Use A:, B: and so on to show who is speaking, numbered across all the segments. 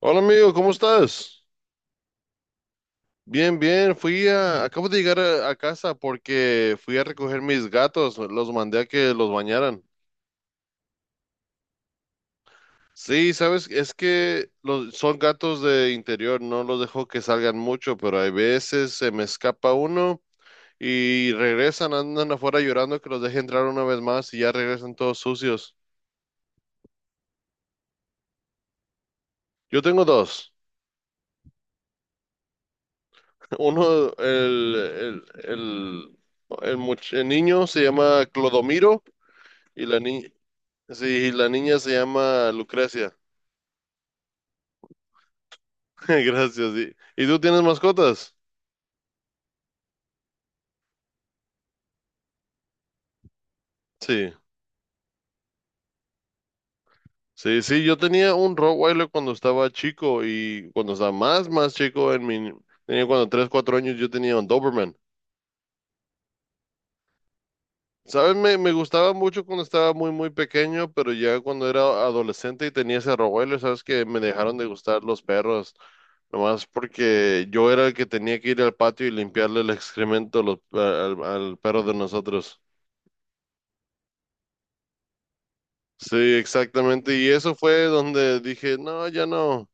A: Hola, amigo, ¿cómo estás? Bien, bien. Acabo de llegar a casa porque fui a recoger mis gatos. Los mandé a que los bañaran. Sí, sabes, es que son gatos de interior. No los dejo que salgan mucho, pero hay veces se me escapa uno y regresan, andan afuera llorando que los deje entrar una vez más y ya regresan todos sucios. Yo tengo dos. Uno, el niño se llama Clodomiro. Y la, ni- Sí, la niña se llama Lucrecia. Gracias. Sí. ¿Y tú tienes mascotas? Sí, sí, sí. Yo tenía un Rottweiler cuando estaba chico y cuando estaba más chico, tenía cuando 3, 4 años, yo tenía un Doberman. ¿Sabes? Me gustaba mucho cuando estaba muy, muy pequeño, pero ya cuando era adolescente y tenía ese Rottweiler, ¿sabes? Que me dejaron de gustar los perros, nomás porque yo era el que tenía que ir al patio y limpiarle el excremento a los- al al perro de nosotros. Sí, exactamente. Y eso fue donde dije, no, ya no,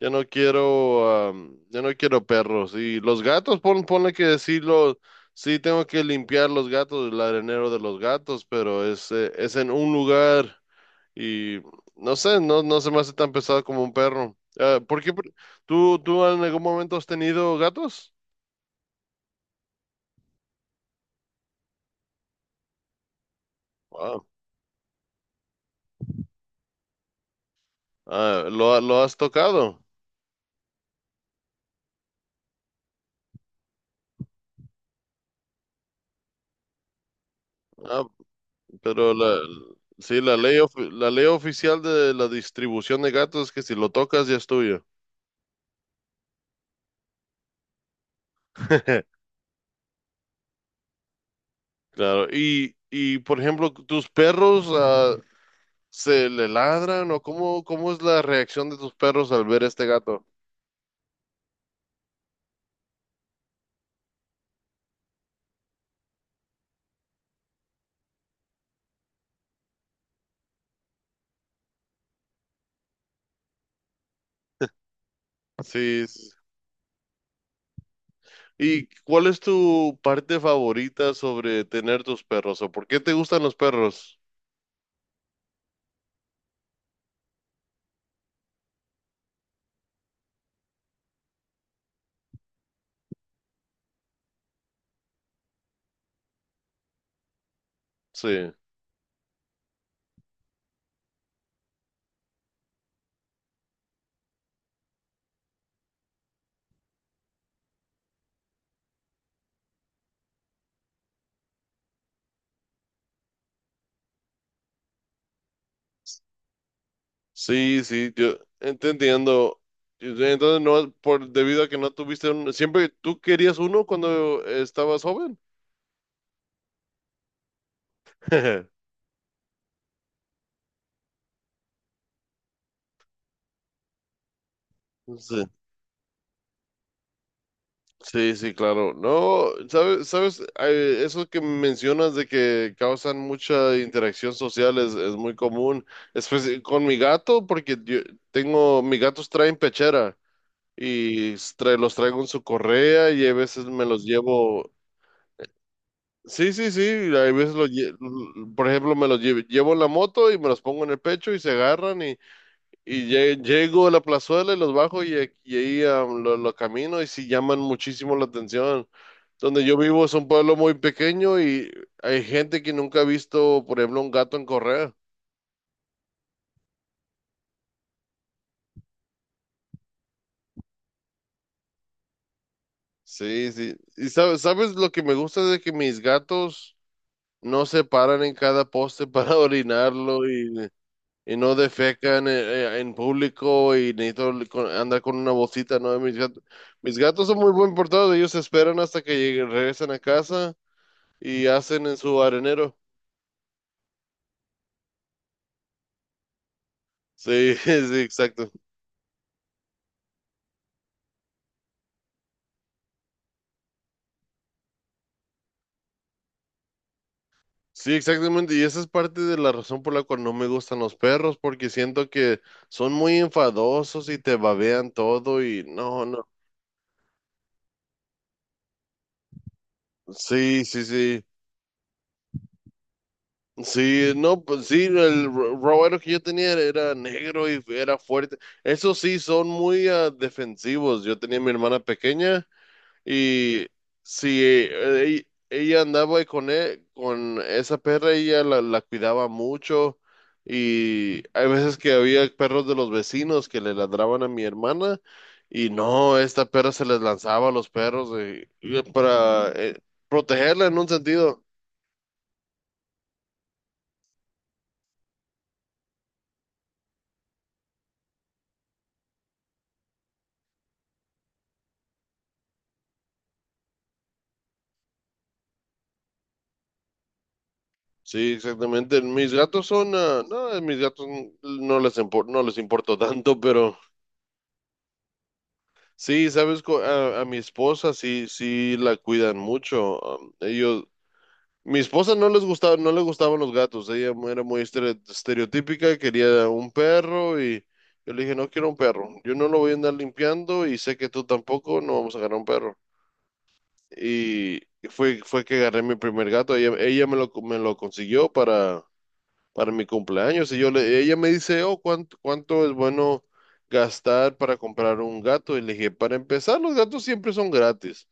A: ya no quiero perros. Y los gatos, ponle que decirlo, sí tengo que limpiar los gatos, el arenero de los gatos, pero es en un lugar y no sé, no se me hace tan pesado como un perro. Ah, ¿por qué? ¿Tú en algún momento has tenido gatos? Ah, ah, ¿lo has tocado? Ah, Pero la, sí, la ley oficial de la distribución de gatos es que si lo tocas ya es tuyo. Claro. Y por ejemplo, tus perros, se le ladran, o cómo es la reacción de tus perros al ver este gato. Sí. ¿Y cuál es tu parte favorita sobre tener tus perros, o por qué te gustan los perros? Sí. Sí, sí, yo entendiendo. Entonces, no, por debido a que no tuviste siempre tú querías uno cuando estabas joven. Sí, sí, sí, claro. No, sabes, eso que mencionas de que causan mucha interacción social es muy común. Con mi gato, porque yo mis gatos traen pechera y los traigo en su correa y a veces me los llevo. Sí, sí, sí, hay veces por ejemplo, me los llevo en la moto y me los pongo en el pecho y se agarran, y llego a la plazuela y los bajo y, y ahí, lo camino y sí llaman muchísimo la atención. Donde yo vivo es un pueblo muy pequeño y hay gente que nunca ha visto, por ejemplo, un gato en correa. Sí, sí. Y sabes lo que me gusta de que mis gatos no se paran en cada poste para orinarlo, y no defecan en público, y necesito andar con una bolsita, ¿no? Mis gatos son muy buen portados, ellos esperan hasta que regresan a casa y hacen en su arenero. Sí, sí, exacto. Sí, exactamente. Y esa es parte de la razón por la cual no me gustan los perros, porque siento que son muy enfadosos y te babean todo y no, no. Sí, sí, sí. Sí, no, pues sí, Roboto, que yo tenía, era negro y era fuerte. Eso sí, son muy, defensivos. Yo tenía a mi hermana pequeña y, si ella ella andaba con esa perra, ella la cuidaba mucho, y hay veces que había perros de los vecinos que le ladraban a mi hermana y, no, esta perra se les lanzaba a los perros, y para, protegerla en un sentido. Sí, exactamente. Mis gatos son, no, mis gatos no les importa tanto, pero sí, sabes, a mi esposa sí, sí la cuidan mucho. Mi esposa no les gustaba, no le gustaban los gatos. Ella era muy estereotípica, quería un perro, y yo le dije, no quiero un perro. Yo no lo voy a andar limpiando y sé que tú tampoco. No vamos a agarrar un perro. Y fue que agarré mi primer gato. Ella me lo consiguió para mi cumpleaños. Y, ella me dice, oh, ¿cuánto es bueno gastar para comprar un gato? Y le dije, para empezar, los gatos siempre son gratis.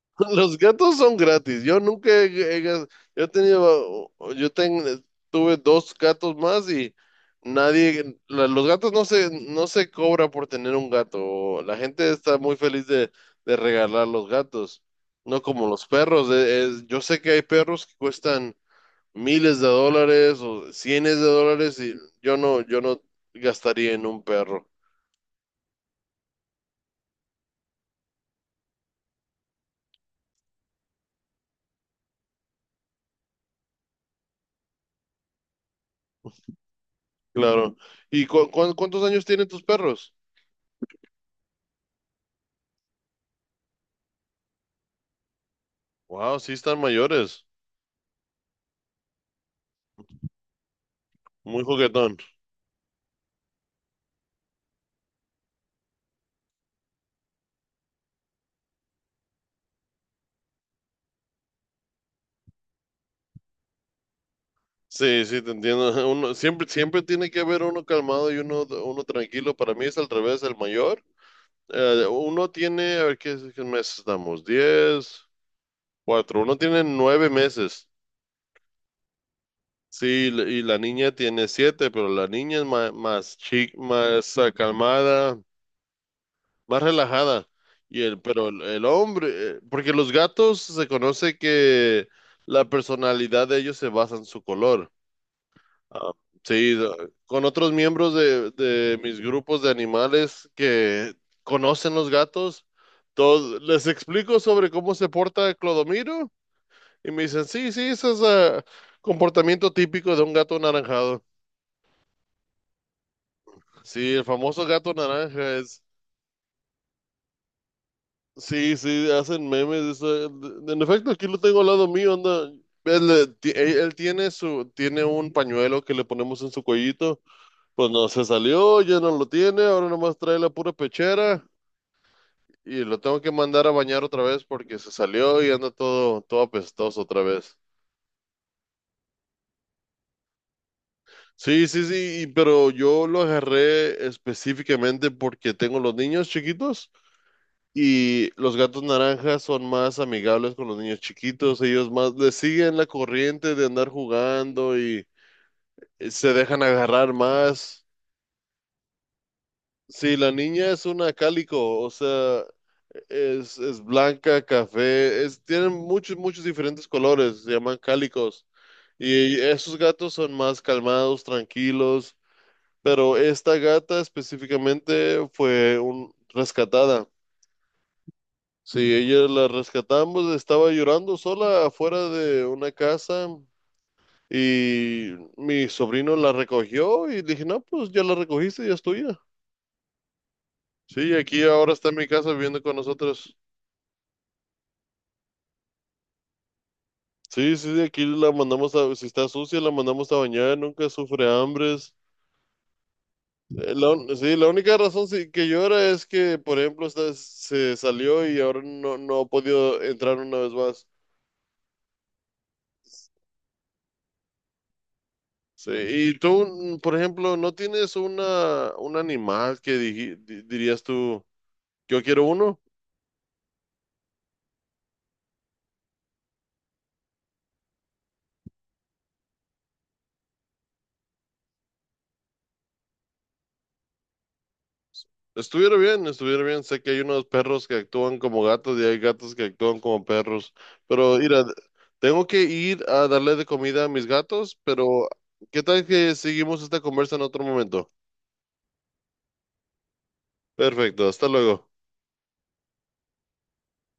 A: Los gatos son gratis. Yo nunca he, he gas- yo he tenido, yo ten- tuve dos gatos más, y nadie, la- los gatos no se cobra por tener un gato. La gente está muy feliz de regalar los gatos. No como los perros. Yo sé que hay perros que cuestan miles de dólares o cienes de dólares, y yo no gastaría en un perro, claro. ¿Y cuántos años tienen tus perros? Wow, sí están mayores, muy juguetón. Sí, sí, te entiendo. Uno, siempre, siempre tiene que haber uno calmado y uno tranquilo. Para mí es al revés, el mayor. A ver, ¿qué meses estamos? 10, cuatro. Uno tiene 9 meses. Sí, y la niña tiene 7, pero la niña es ma- más, chic, más, ah, calmada, más relajada. Y el, pero el hombre, Porque los gatos se conoce que la personalidad de ellos se basa en su color. Ah, sí, con otros miembros de mis grupos de animales que conocen los gatos, todos, les explico sobre cómo se porta Clodomiro, y me dicen, sí, sí, ese es, comportamiento típico de un gato anaranjado. Sí, el famoso gato naranja. Sí, sí, hacen memes. En efecto, aquí lo tengo al lado mío, anda. Él tiene tiene un pañuelo que le ponemos en su cuellito. Pues no, se salió, ya no lo tiene, ahora nomás trae la pura pechera y lo tengo que mandar a bañar otra vez, porque se salió y anda todo, todo apestoso otra vez. Sí, sí, sí, pero yo lo agarré específicamente porque tengo los niños chiquitos. Y los gatos naranjas son más amigables con los niños chiquitos, ellos más les siguen la corriente de andar jugando y, se dejan agarrar más. Sí, la niña es una cálico, o sea, es blanca, café, tienen muchos, muchos diferentes colores, se llaman cálicos. Y esos gatos son más calmados, tranquilos, pero esta gata específicamente fue rescatada. Sí, ella la rescatamos, estaba llorando sola afuera de una casa y mi sobrino la recogió, y dije, no, pues ya la recogiste, ya es tuya. Sí, aquí ahora está en mi casa viviendo con nosotros. Sí, sí, de aquí la mandamos a, si está sucia, la mandamos a bañar, nunca sufre hambres. Sí, la única razón, sí, que llora es que, por ejemplo, esta, se salió y ahora no ha podido entrar una vez más. Sí, y tú, por ejemplo, ¿no tienes un animal que, dirías tú, yo quiero uno? Estuviera bien, estuviera bien. Sé que hay unos perros que actúan como gatos y hay gatos que actúan como perros. Pero mira, tengo que ir a darle de comida a mis gatos, pero ¿qué tal que seguimos esta conversa en otro momento? Perfecto, hasta luego.